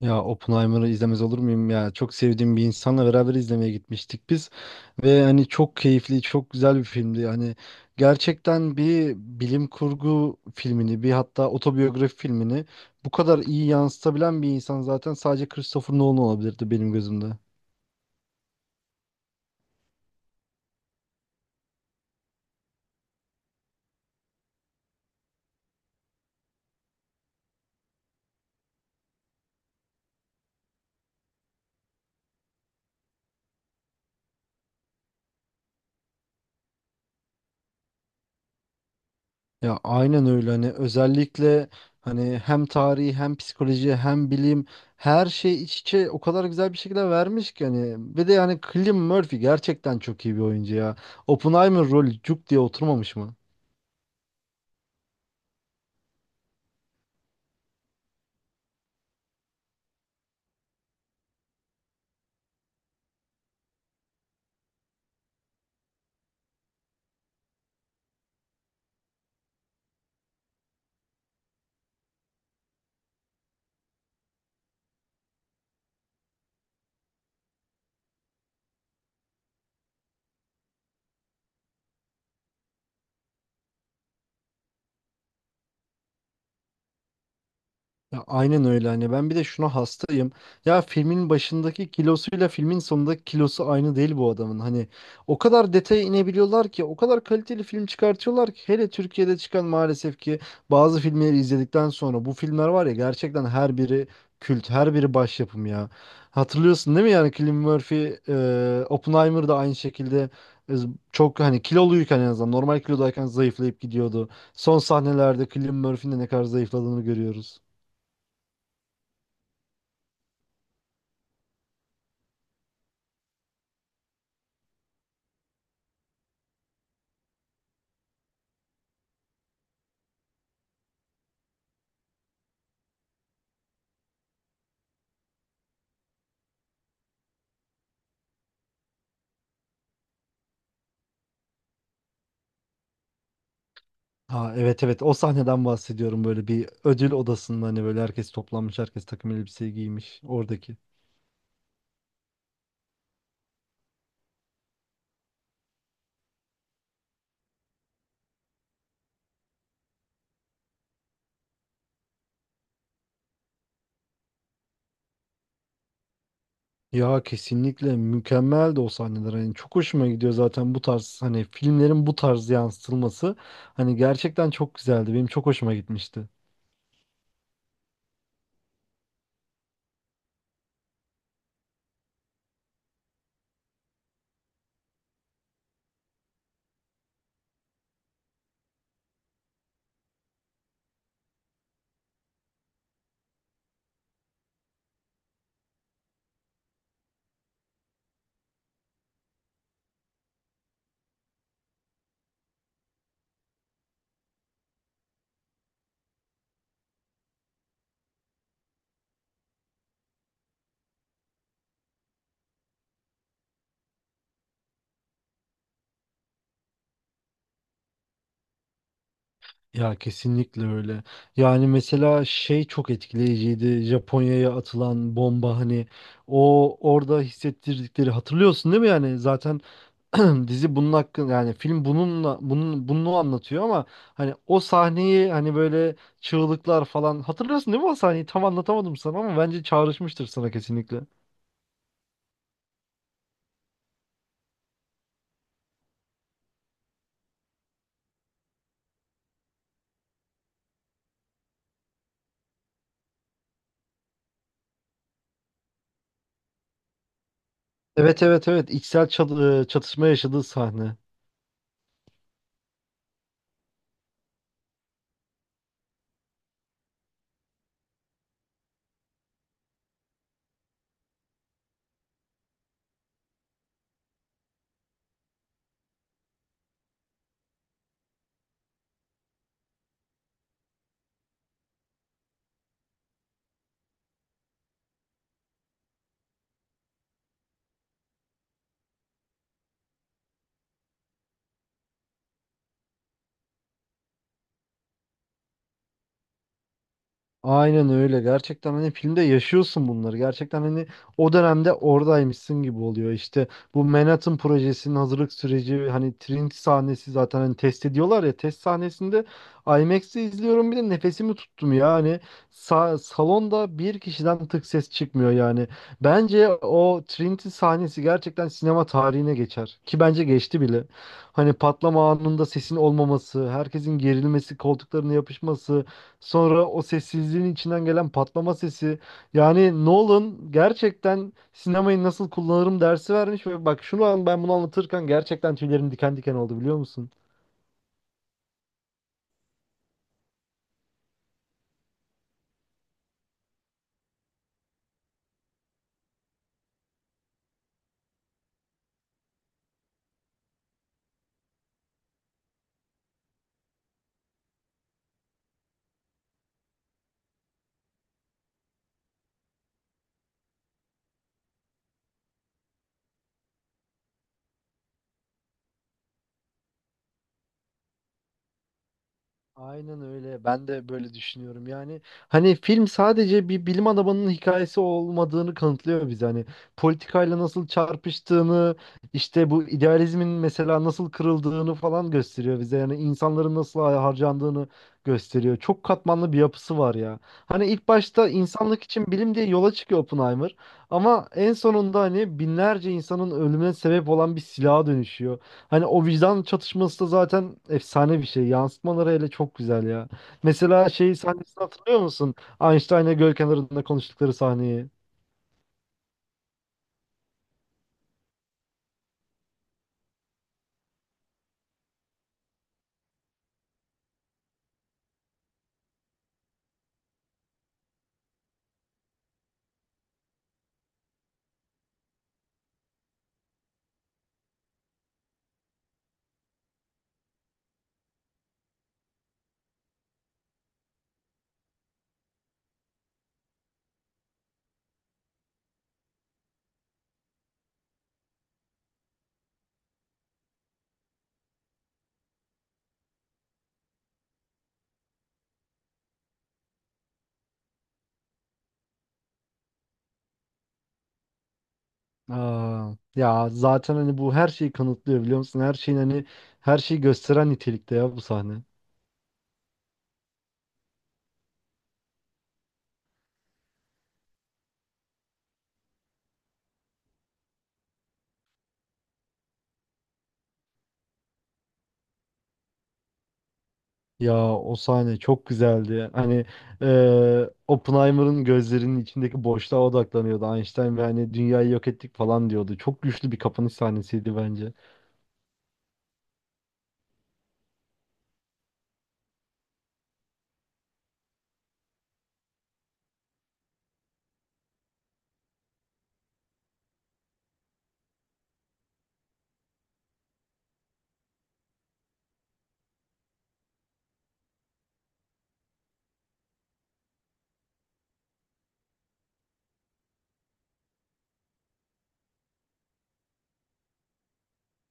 Ya Oppenheimer'ı izlemez olur muyum ya? Çok sevdiğim bir insanla beraber izlemeye gitmiştik biz. Ve hani çok keyifli, çok güzel bir filmdi. Hani gerçekten bir bilim kurgu filmini, bir hatta otobiyografi filmini bu kadar iyi yansıtabilen bir insan zaten sadece Christopher Nolan olabilirdi benim gözümde. Ya aynen öyle hani özellikle hani hem tarihi hem psikoloji hem bilim her şey iç içe o kadar güzel bir şekilde vermiş ki hani ve de yani Cillian Murphy gerçekten çok iyi bir oyuncu ya. Oppenheimer rolü cuk diye oturmamış mı? Ya aynen öyle hani ben bir de şuna hastayım. Ya filmin başındaki kilosuyla filmin sonundaki kilosu aynı değil bu adamın. Hani o kadar detaya inebiliyorlar ki o kadar kaliteli film çıkartıyorlar ki hele Türkiye'de çıkan maalesef ki bazı filmleri izledikten sonra bu filmler var ya gerçekten her biri kült, her biri başyapım ya. Hatırlıyorsun değil mi yani Cillian Murphy, Oppenheimer da aynı şekilde e, çok hani kiloluyken en azından normal kilodayken zayıflayıp gidiyordu. Son sahnelerde Cillian Murphy'nin de ne kadar zayıfladığını görüyoruz. Ha, evet, evet, o sahneden bahsediyorum, böyle bir ödül odasında hani böyle herkes toplanmış, herkes takım elbiseyi giymiş oradaki. Ya kesinlikle mükemmeldi o sahneler, hani çok hoşuma gidiyor zaten bu tarz, hani filmlerin bu tarz yansıtılması hani gerçekten çok güzeldi, benim çok hoşuma gitmişti. Ya kesinlikle öyle. Yani mesela şey çok etkileyiciydi, Japonya'ya atılan bomba, hani o orada hissettirdikleri, hatırlıyorsun değil mi yani zaten dizi bunun hakkında, yani film bununla bunun bunu anlatıyor, ama hani o sahneyi, hani böyle çığlıklar falan hatırlıyorsun değil mi o sahneyi? Tam anlatamadım sana ama bence çağrışmıştır sana kesinlikle. Evet, evet, evet, içsel çatışma yaşadığı sahne. Aynen öyle. Gerçekten hani filmde yaşıyorsun bunları. Gerçekten hani o dönemde oradaymışsın gibi oluyor. İşte bu Manhattan projesinin hazırlık süreci, hani Trinity sahnesi, zaten hani test ediyorlar ya, test sahnesinde IMAX'te izliyorum bir de, nefesimi tuttum ya. Hani salonda bir kişiden tık ses çıkmıyor yani. Bence o Trinity sahnesi gerçekten sinema tarihine geçer. Ki bence geçti bile. Hani patlama anında sesin olmaması, herkesin gerilmesi, koltuklarına yapışması, sonra o sessizliğin içinden gelen patlama sesi. Yani Nolan gerçekten sinemayı nasıl kullanırım dersi vermiş ve bak şu an ben bunu anlatırken gerçekten tüylerim diken diken oldu, biliyor musun? Aynen öyle. Ben de böyle düşünüyorum. Yani hani film sadece bir bilim adamının hikayesi olmadığını kanıtlıyor bize. Hani politikayla nasıl çarpıştığını, işte bu idealizmin mesela nasıl kırıldığını falan gösteriyor bize. Yani insanların nasıl harcandığını gösteriyor. Çok katmanlı bir yapısı var ya. Hani ilk başta insanlık için bilim diye yola çıkıyor Oppenheimer. Ama en sonunda hani binlerce insanın ölümüne sebep olan bir silaha dönüşüyor. Hani o vicdan çatışması da zaten efsane bir şey. Yansıtmaları hele çok güzel ya. Mesela şeyi sahnesini hatırlıyor musun? Einstein'la göl kenarında konuştukları sahneyi. Aa, ya zaten hani bu her şeyi kanıtlıyor biliyor musun? Her şeyin hani her şeyi gösteren nitelikte ya bu sahne. Ya o sahne çok güzeldi. Hani Oppenheimer'ın gözlerinin içindeki boşluğa odaklanıyordu Einstein ve hani dünyayı yok ettik falan diyordu. Çok güçlü bir kapanış sahnesiydi bence.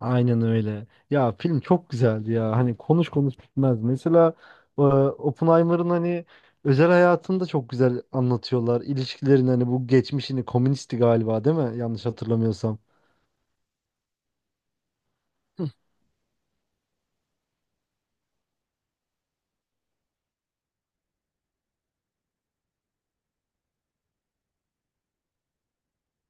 Aynen öyle. Ya film çok güzeldi ya. Hani konuş konuş bitmez. Mesela Oppenheimer'ın hani özel hayatını da çok güzel anlatıyorlar. İlişkilerin hani bu geçmişini, komünisti galiba değil mi? Yanlış hatırlamıyorsam.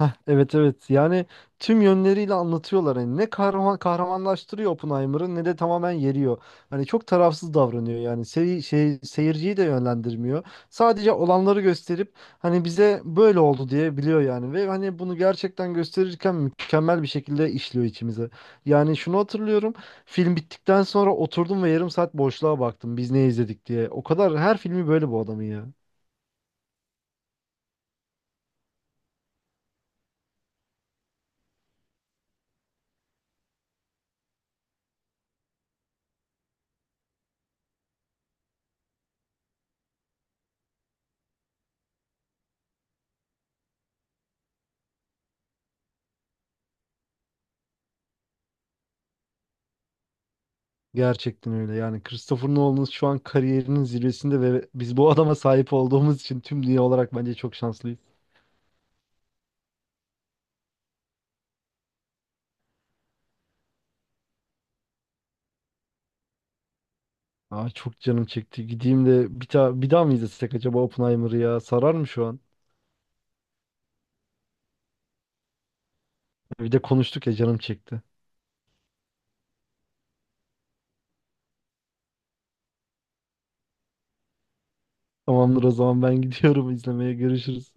Heh, evet, evet, yani tüm yönleriyle anlatıyorlar, hani ne kahraman kahramanlaştırıyor Oppenheimer'ı ne de tamamen yeriyor. Hani çok tarafsız davranıyor, yani seri, şey seyirciyi de yönlendirmiyor. Sadece olanları gösterip hani bize böyle oldu diye biliyor yani, ve hani bunu gerçekten gösterirken mükemmel bir şekilde işliyor içimize. Yani şunu hatırlıyorum, film bittikten sonra oturdum ve yarım saat boşluğa baktım biz ne izledik diye. O kadar her filmi böyle bu adamın ya. Gerçekten öyle. Yani Christopher Nolan şu an kariyerinin zirvesinde ve biz bu adama sahip olduğumuz için tüm dünya olarak bence çok şanslıyız. Aa, çok canım çekti. Gideyim de bir, bir daha mı izlesek acaba Oppenheimer'ı ya? Sarar mı şu an? Bir de konuştuk ya, canım çekti. Tamamdır, o zaman ben gidiyorum izlemeye. Görüşürüz.